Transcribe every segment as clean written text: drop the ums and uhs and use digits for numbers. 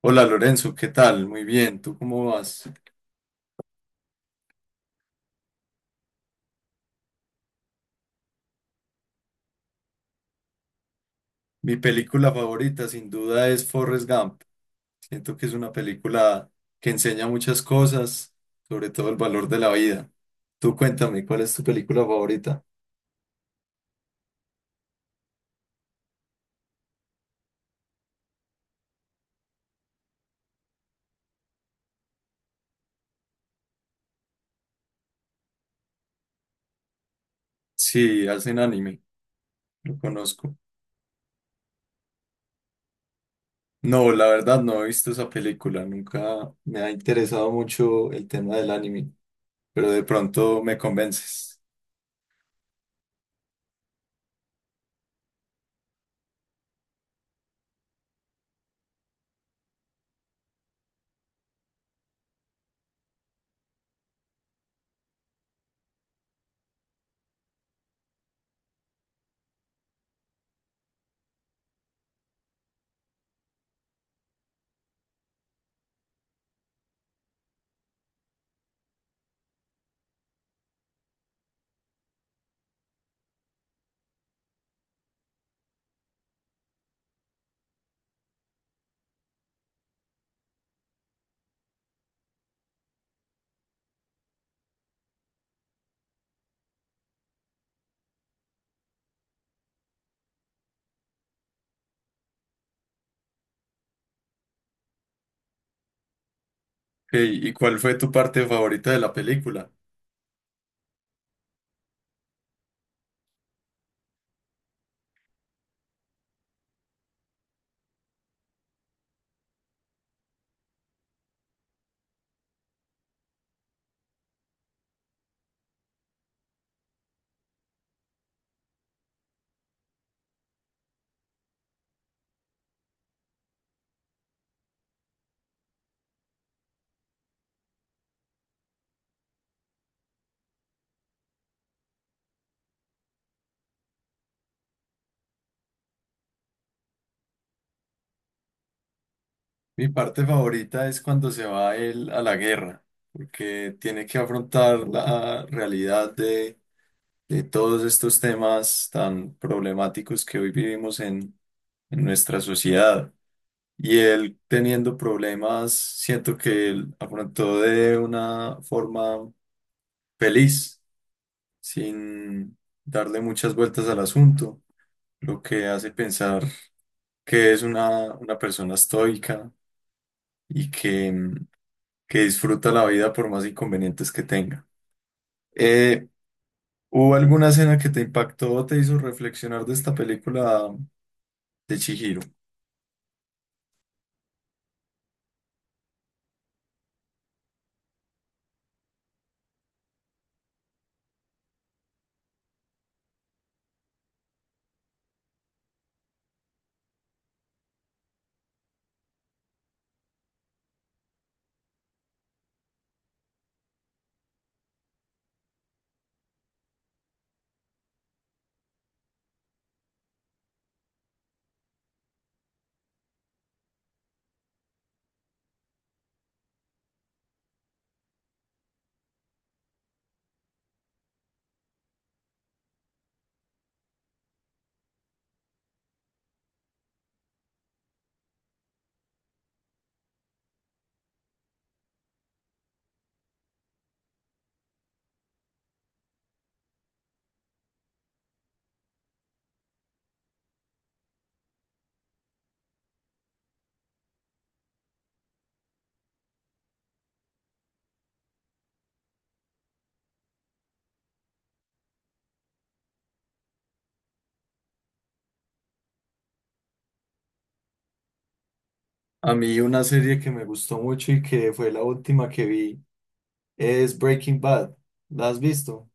Hola Lorenzo, ¿qué tal? Muy bien, ¿tú cómo vas? Mi película favorita sin duda es Forrest Gump. Siento que es una película que enseña muchas cosas, sobre todo el valor de la vida. Tú cuéntame, ¿cuál es tu película favorita? Sí, hacen anime, lo conozco. No, la verdad no he visto esa película, nunca me ha interesado mucho el tema del anime, pero de pronto me convences. Ey, ¿y cuál fue tu parte favorita de la película? Mi parte favorita es cuando se va él a la guerra, porque tiene que afrontar la realidad de todos estos temas tan problemáticos que hoy vivimos en nuestra sociedad. Y él teniendo problemas, siento que él afrontó de una forma feliz, sin darle muchas vueltas al asunto, lo que hace pensar que es una persona estoica y que que disfruta la vida por más inconvenientes que tenga. Eh, ¿Hubo alguna escena que te impactó o te hizo reflexionar de esta película de Chihiro? A mí una serie que me gustó mucho y que fue la última que vi es Breaking Bad. ¿La has visto?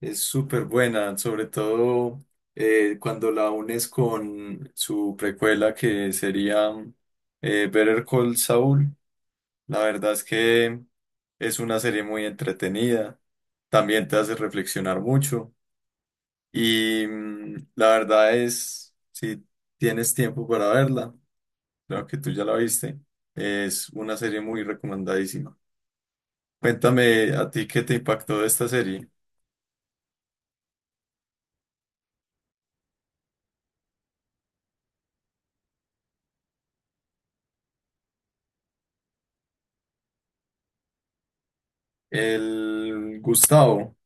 Es súper buena, sobre todo cuando la unes con su precuela que sería Better Call Saul. La verdad es que es una serie muy entretenida, también te hace reflexionar mucho y la verdad es, si tienes tiempo para verla, creo que tú ya la viste, es una serie muy recomendadísima. Cuéntame a ti qué te impactó de esta serie. El Gustavo,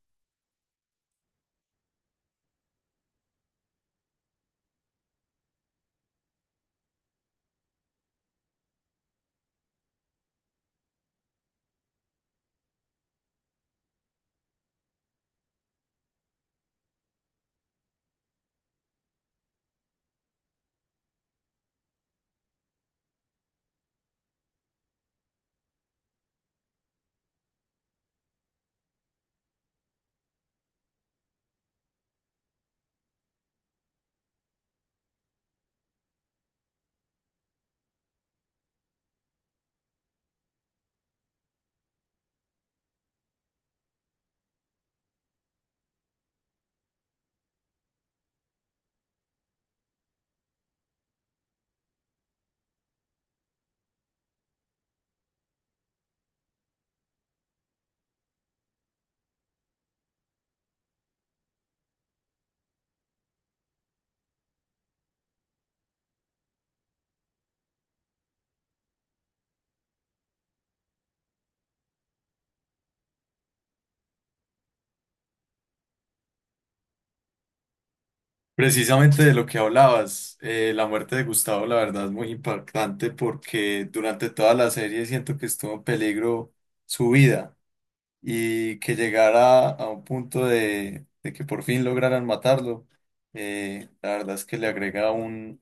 precisamente de lo que hablabas, la muerte de Gustavo la verdad es muy impactante porque durante toda la serie siento que estuvo en peligro su vida y que llegara a un punto de que por fin lograran matarlo, la verdad es que le agrega un,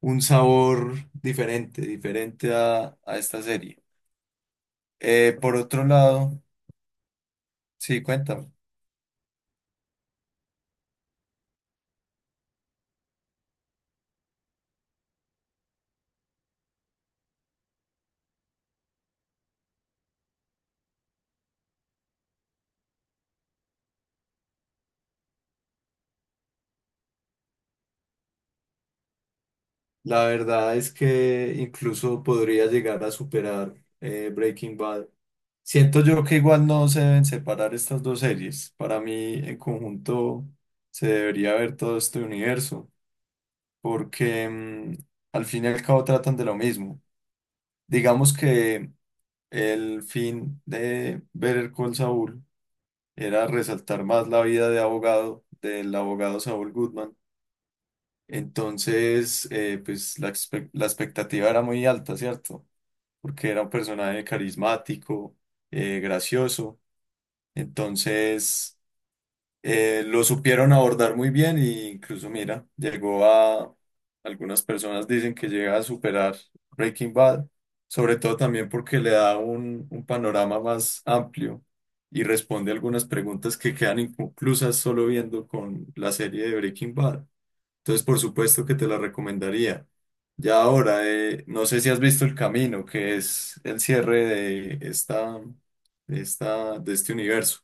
un sabor diferente, diferente a esta serie. Por otro lado, sí, cuéntame. La verdad es que incluso podría llegar a superar Breaking Bad. Siento yo que igual no se deben separar estas dos series. Para mí, en conjunto, se debería ver todo este universo. Porque al fin y al cabo tratan de lo mismo. Digamos que el fin de Better Call Saul era resaltar más la vida de abogado, del abogado Saul Goodman. Entonces, pues la, expe- la expectativa era muy alta, ¿cierto? Porque era un personaje carismático, gracioso. Entonces... lo supieron abordar muy bien e incluso, mira, llegó a, algunas personas dicen que llega a superar Breaking Bad, sobre todo también porque le da un panorama más amplio y responde algunas preguntas que quedan inconclusas solo viendo con la serie de Breaking Bad. Entonces, por supuesto que te la recomendaría. Ya ahora, no sé si has visto El Camino, que es el cierre de esta, de esta, de este universo.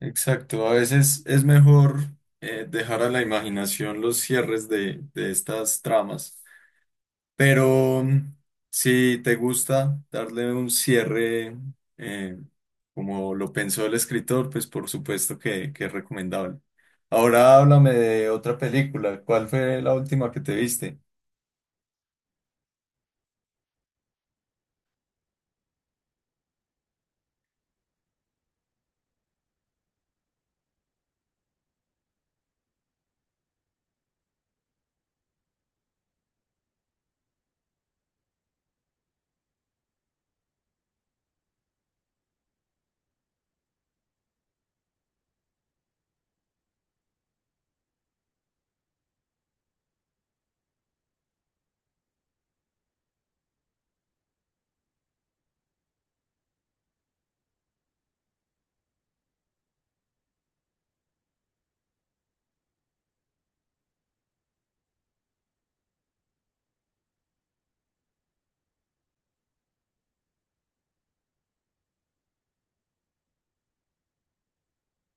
Exacto, a veces es mejor dejar a la imaginación los cierres de estas tramas, pero si te gusta darle un cierre eh, como lo pensó el escritor, pues por supuesto que es recomendable. Ahora háblame de otra película, ¿cuál fue la última que te viste?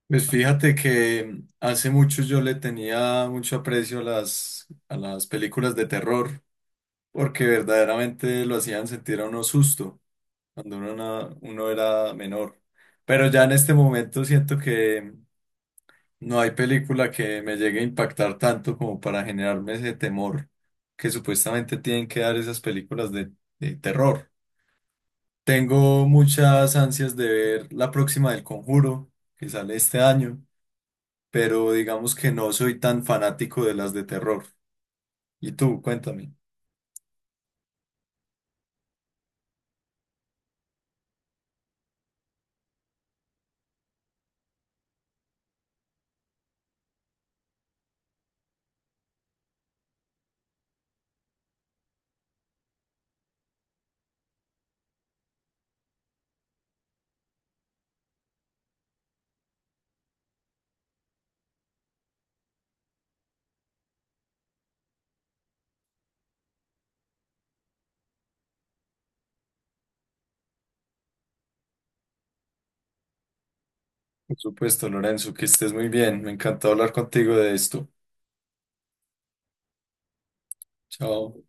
Pues fíjate que hace mucho yo le tenía mucho aprecio a las películas de terror. Porque verdaderamente lo hacían sentir a uno susto cuando uno, na- uno era menor. Pero ya en este momento siento que no hay película que me llegue a impactar tanto como para generarme ese temor que supuestamente tienen que dar esas películas de terror. Tengo muchas ansias de ver la próxima del Conjuro, que sale este año, pero digamos que no soy tan fanático de las de terror. ¿Y tú? Cuéntame. Por supuesto, Lorenzo, que estés muy bien. Me encantó hablar contigo de esto. Chao.